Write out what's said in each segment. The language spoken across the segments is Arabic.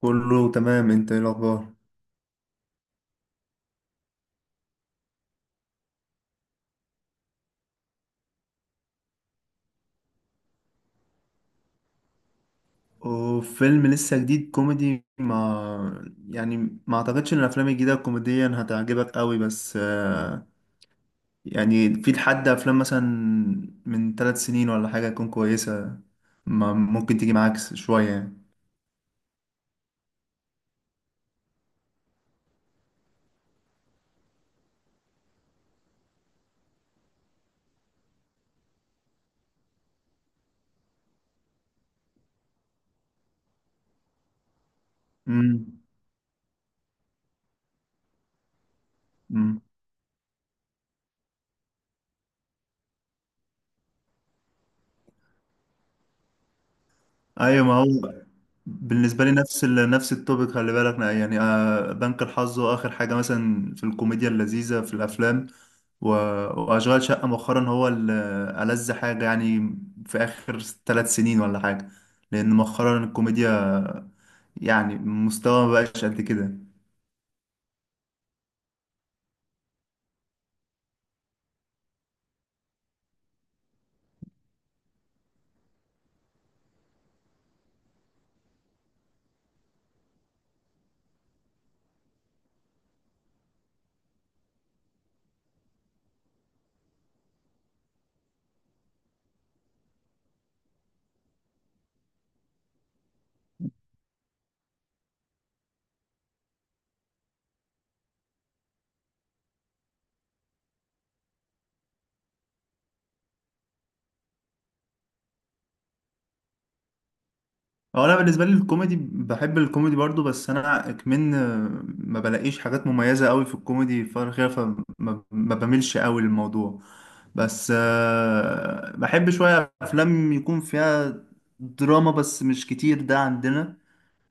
كله تمام، انت ايه الاخبار؟ وفيلم لسه جديد كوميدي ما يعني، ما اعتقدش ان الافلام الجديده كوميديا هتعجبك قوي، بس يعني في لحد افلام مثلا من 3 سنين ولا حاجه تكون كويسه ما ممكن تيجي معاك شويه يعني. امم أمم. ايوه، ما هو بالنسبة لي نفس نفس التوبيك، خلي بالك يعني، بنك الحظ، وآخر حاجة مثلا في الكوميديا اللذيذة في الأفلام، و... وأشغال شقة مؤخرا هو ألذ حاجة يعني في آخر 3 سنين ولا حاجة، لأن مؤخرا الكوميديا يعني مستوى مبقاش قد كده. هو انا بالنسبه لي الكوميدي، بحب الكوميدي برضو، بس انا كمان ما بلاقيش حاجات مميزه قوي في الكوميدي، فما ما بميلش قوي للموضوع، بس بحب شويه افلام يكون فيها دراما بس مش كتير، ده عندنا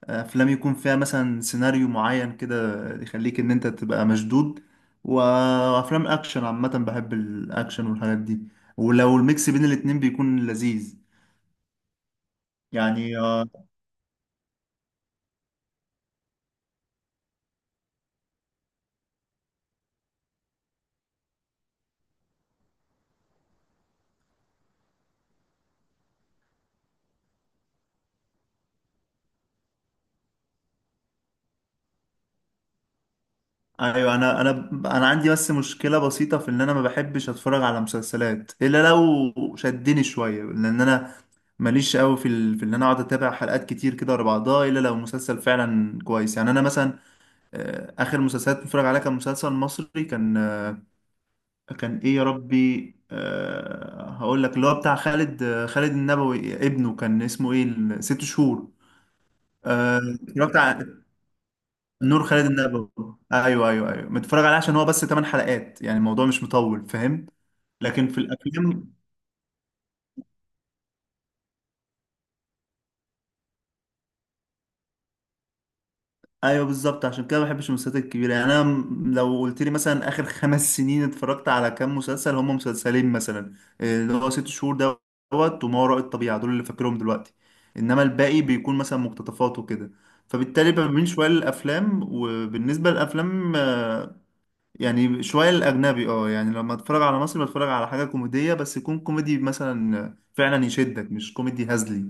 افلام يكون فيها مثلا سيناريو معين كده يخليك ان انت تبقى مشدود، وافلام اكشن عامه، بحب الاكشن والحاجات دي، ولو الميكس بين الاتنين بيكون لذيذ. يعني ايوه. انا عندي بس مشكله بسيطه في ان انا ما بحبش اتفرج على مسلسلات الا لو شدني شويه، لان انا ماليش قوي في في ان انا اقعد اتابع حلقات كتير كده ورا بعضها الا لو مسلسل فعلا كويس. يعني انا مثلا اخر مسلسلات بتفرج عليها كان مسلسل مصري، كان كان ايه يا ربي، هقول لك اللي هو بتاع خالد، خالد النبوي، ابنه كان اسمه ايه ست شهور. آه، اتفرجت. نور خالد النبوي. ايوه ايوه ايوه، متفرج عليه عشان هو بس 8 حلقات، يعني الموضوع مش مطول، فاهم؟ لكن في الافلام ايوه، بالظبط. عشان كده ما بحبش المسلسلات الكبيره، يعني انا لو قلت لي مثلا اخر 5 سنين اتفرجت على كام مسلسل، هم مسلسلين مثلا، اللي هو ست شهور دوت وما وراء الطبيعه، دول اللي فاكرهم دلوقتي، انما الباقي بيكون مثلا مقتطفات وكده. فبالتالي بميل شويه للافلام، وبالنسبه للافلام يعني شوية الأجنبي اه. يعني لما أتفرج على مصري بتفرج على حاجة كوميدية، بس يكون كوميدي مثلا فعلا يشدك، مش كوميدي هزلي.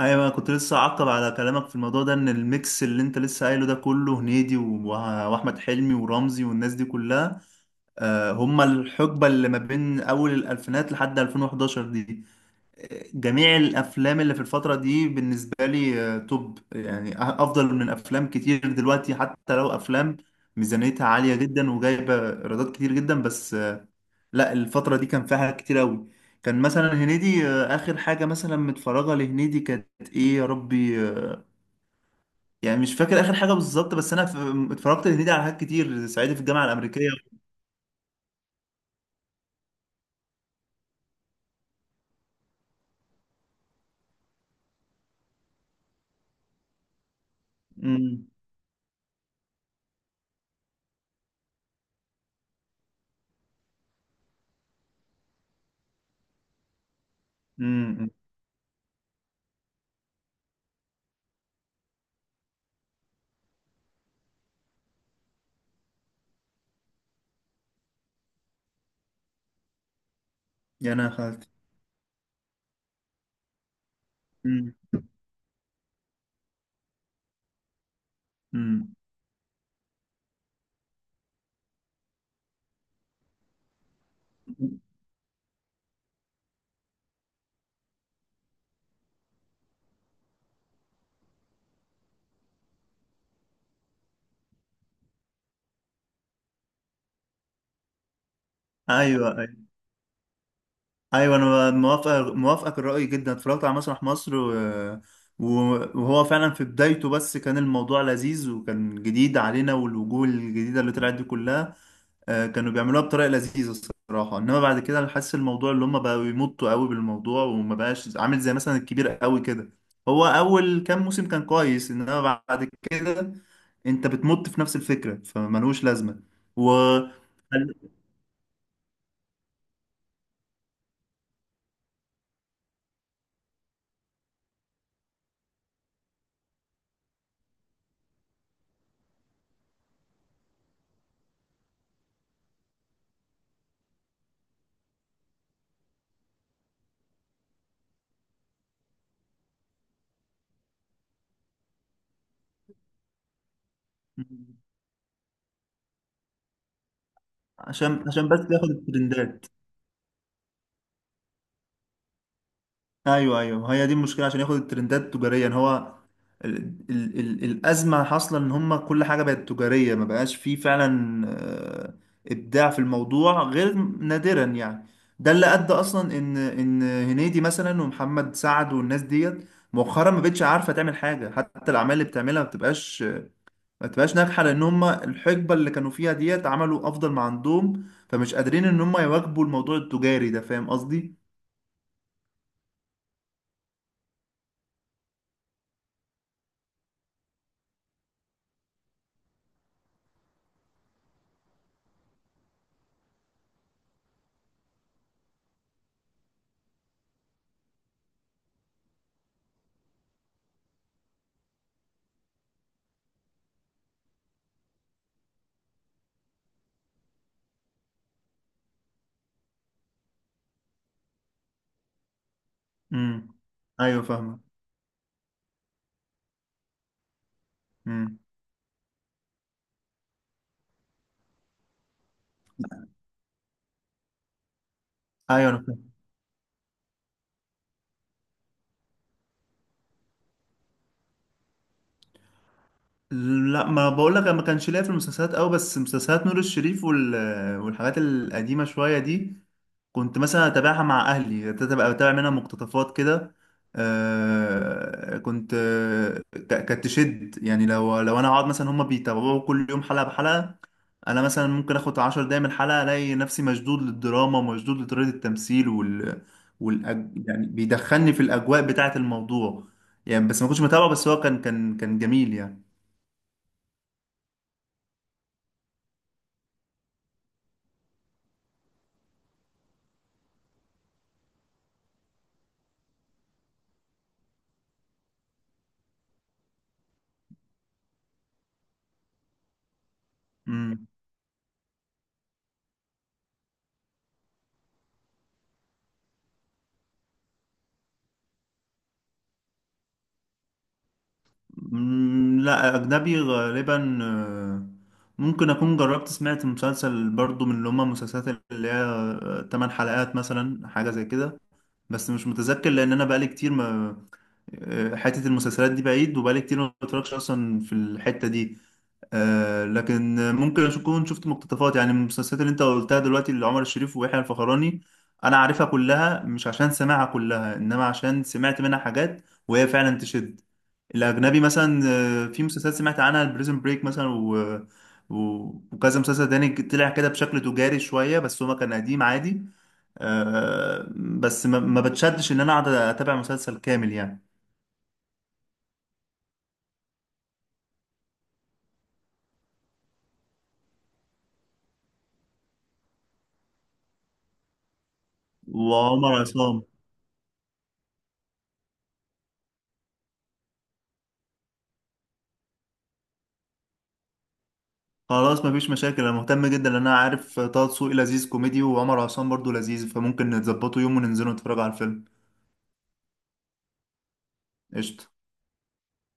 أيوة، أنا كنت لسه أعقب على كلامك في الموضوع ده، إن الميكس اللي أنت لسه قايله ده، كله هنيدي وأحمد حلمي ورمزي والناس دي كلها، هما الحقبة اللي ما بين أول الألفينات لحد 2011 دي. جميع الافلام اللي في الفتره دي بالنسبه لي توب يعني، افضل من افلام كتير دلوقتي، حتى لو افلام ميزانيتها عاليه جدا وجايبه ايرادات كتير جدا، بس لا، الفتره دي كان فيها حاجات كتير قوي. كان مثلا هنيدي، اخر حاجه مثلا متفرجه لهنيدي كانت ايه يا ربي، يعني مش فاكر اخر حاجه بالظبط، بس انا اتفرجت لهنيدي على حاجات كتير، صعيدي في الجامعه الامريكيه. امم امم امم. يا انا خالتي. امم امم ايوه أيوه. ايوه، انا موافق موافقك الرأي جدا، اتفرجت على مسرح مصر، وهو فعلا في بدايته بس كان الموضوع لذيذ، وكان جديد علينا، والوجوه الجديدة اللي طلعت دي كلها، كانوا بيعملوها بطريقة لذيذة الصراحة، انما بعد كده انا حاسس الموضوع اللي هم بقوا يمطوا قوي بالموضوع، وما بقاش عامل زي مثلا الكبير قوي كده. هو اول كام موسم كان كويس، انما بعد كده انت بتمط في نفس الفكرة، فملوش لازمة. و عشان بس ياخد الترندات. ايوه ايوه، ما هي دي المشكله، عشان ياخد الترندات تجاريا. هو ال ال الازمه حاصله ان هم كل حاجه بقت تجاريه، ما بقاش فيه فعلا ابداع في الموضوع غير نادرا يعني. ده اللي ادى اصلا ان هنيدي مثلا ومحمد سعد والناس ديت مؤخرا ما بقتش عارفه تعمل حاجه، حتى الاعمال اللي بتعملها ما بتبقاش ناجحه، لان هم الحقبه اللي كانوا فيها ديت عملوا افضل ما عندهم، فمش قادرين ان هم يواكبوا الموضوع التجاري ده، فاهم قصدي؟ امم. ايوه فاهمه. ايوه انا فاهم. لا، ما بقول لك انا ما كانش ليا في المسلسلات قوي، بس مسلسلات نور الشريف والحاجات القديمه شويه دي كنت مثلا اتابعها مع اهلي، تبقى بتابع منها مقتطفات كده. آه كنت، كانت تشد يعني، لو انا اقعد مثلا هما بيتابعوا كل يوم حلقة بحلقة، انا مثلا ممكن اخد 10 دقايق من الحلقة الاقي نفسي مشدود للدراما ومشدود لطريقة التمثيل يعني بيدخلني في الاجواء بتاعة الموضوع يعني، بس ما كنتش متابعه، بس هو كان جميل يعني. مم، لا. أجنبي غالبا ممكن أكون جربت سمعت مسلسل برضو من اللي هما المسلسلات اللي هي تمن حلقات مثلا حاجة زي كده، بس مش متذكر لأن أنا بقالي كتير ما، حتة المسلسلات دي بعيد، وبقالي كتير ما بتفرجش أصلا في الحتة دي. آه، لكن ممكن أكون شفت مقتطفات يعني من المسلسلات اللي أنت قلتها دلوقتي، اللي عمر الشريف ويحيى الفخراني، أنا عارفها كلها مش عشان سامعها كلها، إنما عشان سمعت منها حاجات وهي فعلا تشد. الأجنبي مثلا في مسلسلات سمعت عنها البريزن بريك مثلا و... وكذا مسلسل تاني طلع كده بشكل تجاري شوية، بس هو كان قديم عادي. آه بس ما بتشدش إن أنا أقعد أتابع مسلسل كامل يعني. وعمر عصام. خلاص مفيش مشاكل، انا مهتم جدا لان انا عارف طه دسوقي لذيذ كوميدي، وعمر عصام برضو لذيذ، فممكن نتظبطوا يوم وننزلوا نتفرج على الفيلم. قشطة.